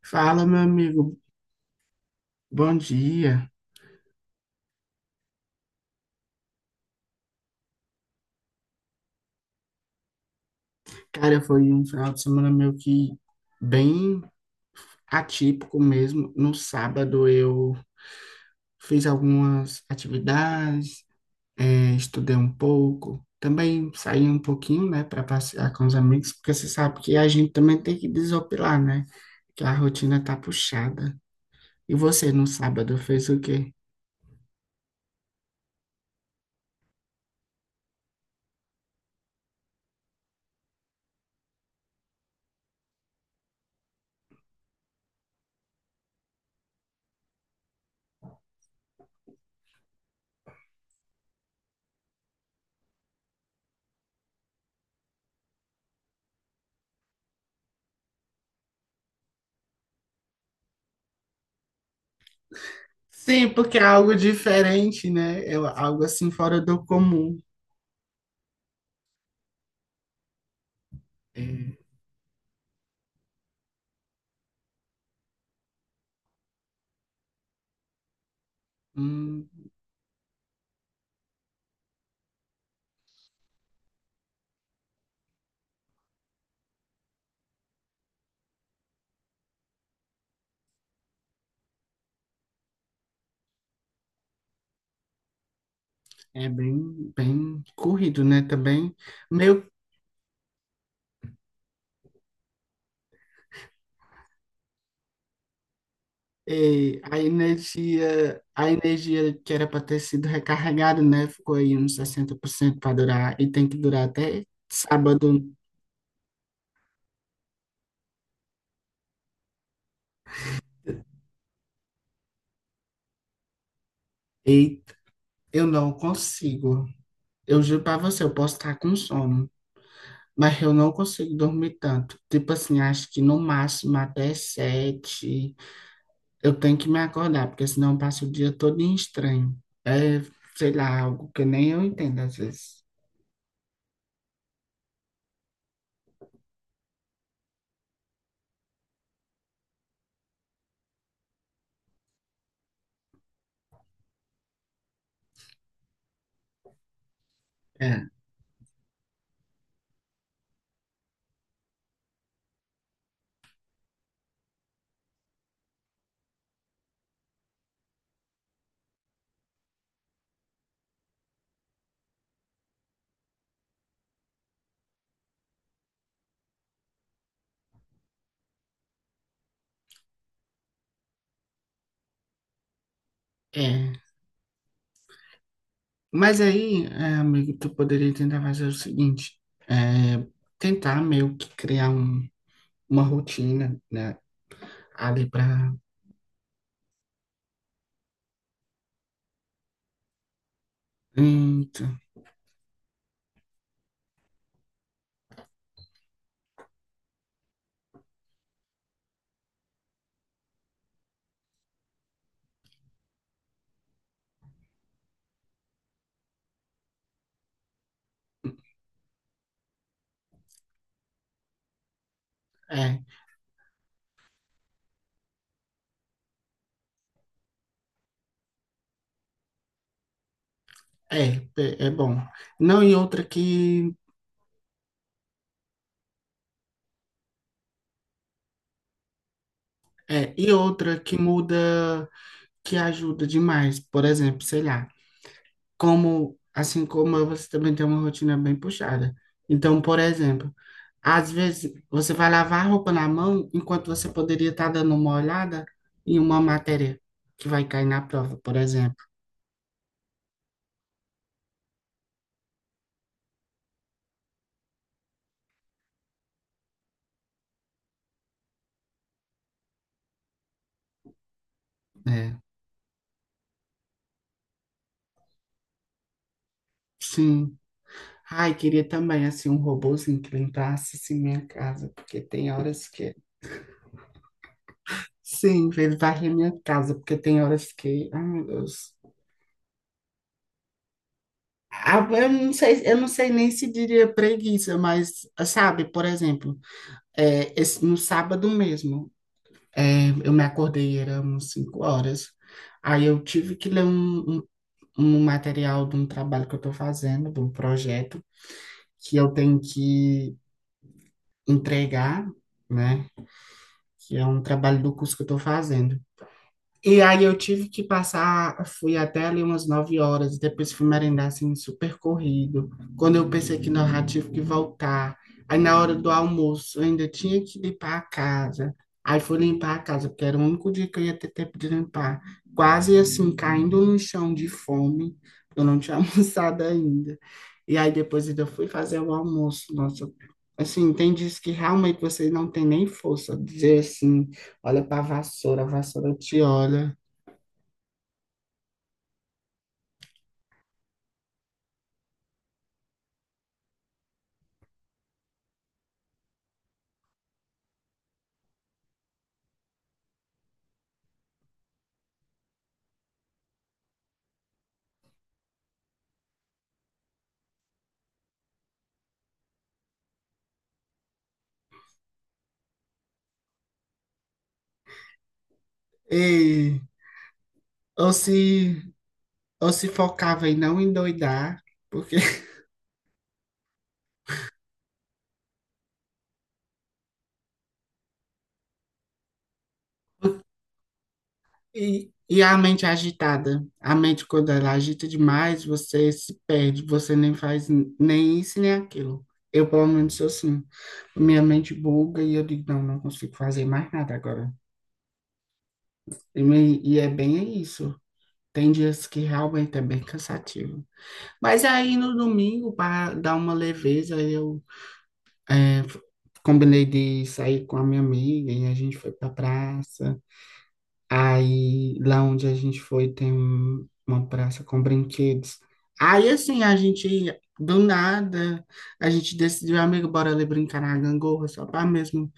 Fala, meu amigo, bom dia. Cara, foi um final de semana meio que bem atípico mesmo. No sábado eu fiz algumas atividades, estudei um pouco, também saí um pouquinho, né, para passear com os amigos, porque você sabe que a gente também tem que desopilar, né? Que a rotina tá puxada. E você no sábado fez o quê? Sim, porque é algo diferente, né? É algo assim fora do comum. É. Hum. É bem, bem corrido, né? Também meio a energia que era para ter sido recarregada, né? Ficou aí uns 60% para durar e tem que durar até sábado. Eita, eu não consigo. Eu juro para você, eu posso estar com sono, mas eu não consigo dormir tanto. Tipo assim, acho que no máximo até 7 eu tenho que me acordar, porque senão eu passo o dia todo em estranho. É, sei lá, algo que nem eu entendo às vezes. É. É, mas aí, é, amigo, tu poderia tentar fazer o seguinte, é, tentar meio que criar um- uma rotina, né, ali pra... Então, é, é é bom. Não, e outra que... É, e outra que muda, que ajuda demais, por exemplo, sei lá, como, assim como eu, você também tem uma rotina bem puxada. Então, por exemplo, às vezes você vai lavar a roupa na mão enquanto você poderia estar dando uma olhada em uma matéria que vai cair na prova, por exemplo. É, sim. Ai, queria também assim um robozinho que limpasse assim, minha casa, porque tem horas que. Sim, ele varre minha casa, porque tem horas que. Ai, meu Deus. Ah, eu não sei, eu não sei nem se diria preguiça, mas sabe, por exemplo, é, esse- no sábado mesmo. É, eu me acordei, eram 5 horas. Aí eu tive que ler um material de um trabalho que eu estou fazendo, de um projeto, que eu tenho que entregar, né? Que é um trabalho do curso que eu estou fazendo. E aí eu tive que passar, fui até ali umas 9 horas, depois fui merendar assim, super corrido. Quando eu pensei que não, já tive que voltar. Aí na hora do almoço eu ainda tinha que limpar a casa. Aí fui limpar a casa, porque era o único dia que eu ia ter tempo de limpar. Quase assim, caindo no chão de fome, eu não tinha almoçado ainda. E aí depois ainda fui fazer o almoço. Nossa, assim, tem dias que realmente você não tem nem força, de dizer assim. Olha pra vassoura, a vassoura te olha. Ei, ou se, ou se focava em não endoidar, porque. E a mente agitada. A mente, quando ela agita demais, você se perde, você nem faz n- nem isso nem aquilo. Eu, pelo menos, sou assim. Minha mente buga e eu digo, não, não consigo fazer mais nada agora. E é bem isso. Tem dias que realmente é bem cansativo. Mas aí no domingo, para dar uma leveza, eu É, f- combinei de sair com a minha amiga e a gente foi pra praça. Aí, lá onde a gente foi, tem um- uma praça com brinquedos. Aí, assim, a gente, do nada, a gente decidiu, amigo, bora ali brincar na gangorra, só pra mesmo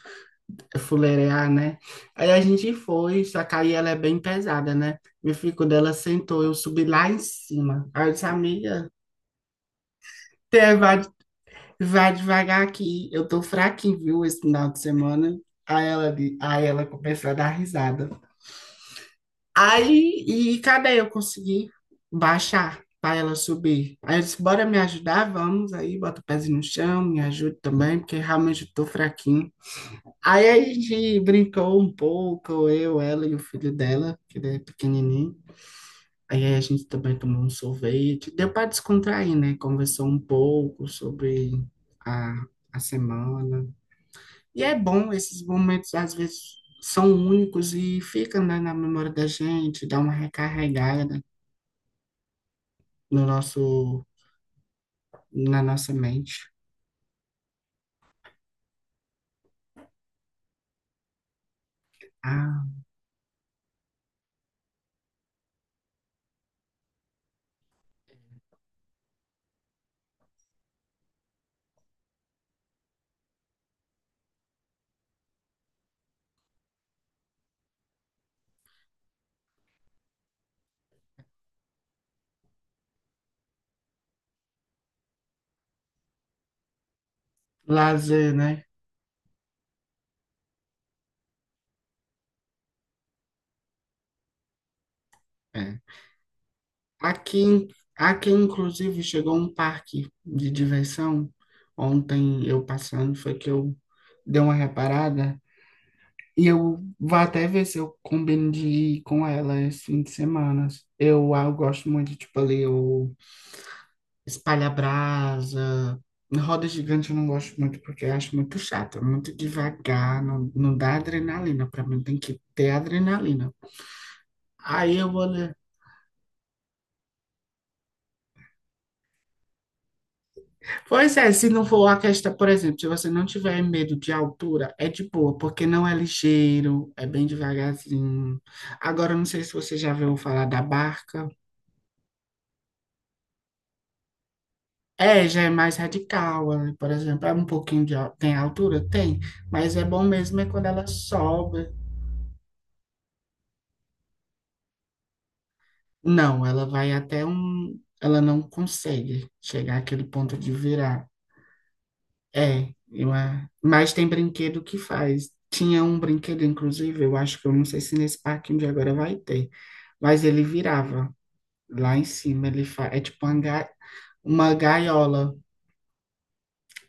fuleirar, né? Aí a gente foi, só que aí ela é bem pesada, né? Meu filho, quando ela sentou, eu subi lá em cima. Aí eu disse, amiga, vai devagar aqui, eu tô fraquinho, viu, esse final de semana. Aí ela começou a dar risada. Aí, e cadê eu consegui baixar para ela subir? Aí eu disse, bora me ajudar, vamos aí, bota o pezinho no chão, me ajude também, porque realmente eu tô fraquinho. Aí a gente brincou um pouco, eu, ela e o filho dela, que ele é pequenininho. Aí a gente também tomou um sorvete, deu para descontrair, né? Conversou um pouco sobre a, a semana. E é bom, esses momentos às vezes são únicos e ficam, né, na memória da gente, dá uma recarregada no nosso, na nossa mente. Ah, lazer, né? É. Aqui, aqui, inclusive, chegou um parque de diversão. Ontem eu passando, foi que eu dei uma reparada. E eu vou até ver se eu combino de ir com ela esse fim de semana. Eu, ah, eu gosto muito de, tipo, ali, o espalha brasa. Roda gigante eu não gosto muito porque eu acho muito chato, é muito devagar, não, não dá adrenalina. Para mim tem que ter adrenalina. Aí eu vou ler. Pois é, se não for a questão, por exemplo, se você não tiver medo de altura, é de boa, porque não é ligeiro, é bem devagarzinho. Agora, eu não sei se você já viu falar da barca. É, já é mais radical, né? Por exemplo, é um pouquinho de, al- tem altura? Tem, mas é bom mesmo é quando ela sobe. Não, ela vai até um. Ela não consegue chegar àquele ponto de virar. É, eu, a- mas tem brinquedo que faz. Tinha um brinquedo, inclusive, eu acho que eu não sei se nesse parquinho de agora vai ter, mas ele virava lá em cima. Ele fa... É tipo uma, ga... uma gaiola.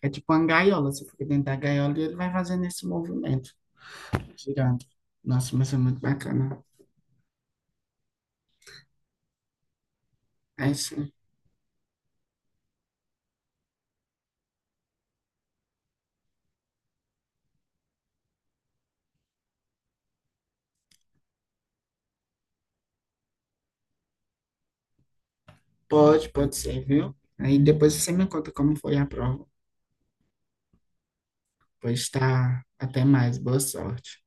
É tipo uma gaiola. Você fica dentro da gaiola e ele vai fazendo esse movimento, girando. Nossa, mas é muito bacana. Aí sim, pode, pode ser, viu? Aí depois você me conta como foi a prova. Pois tá. Até mais. Boa sorte.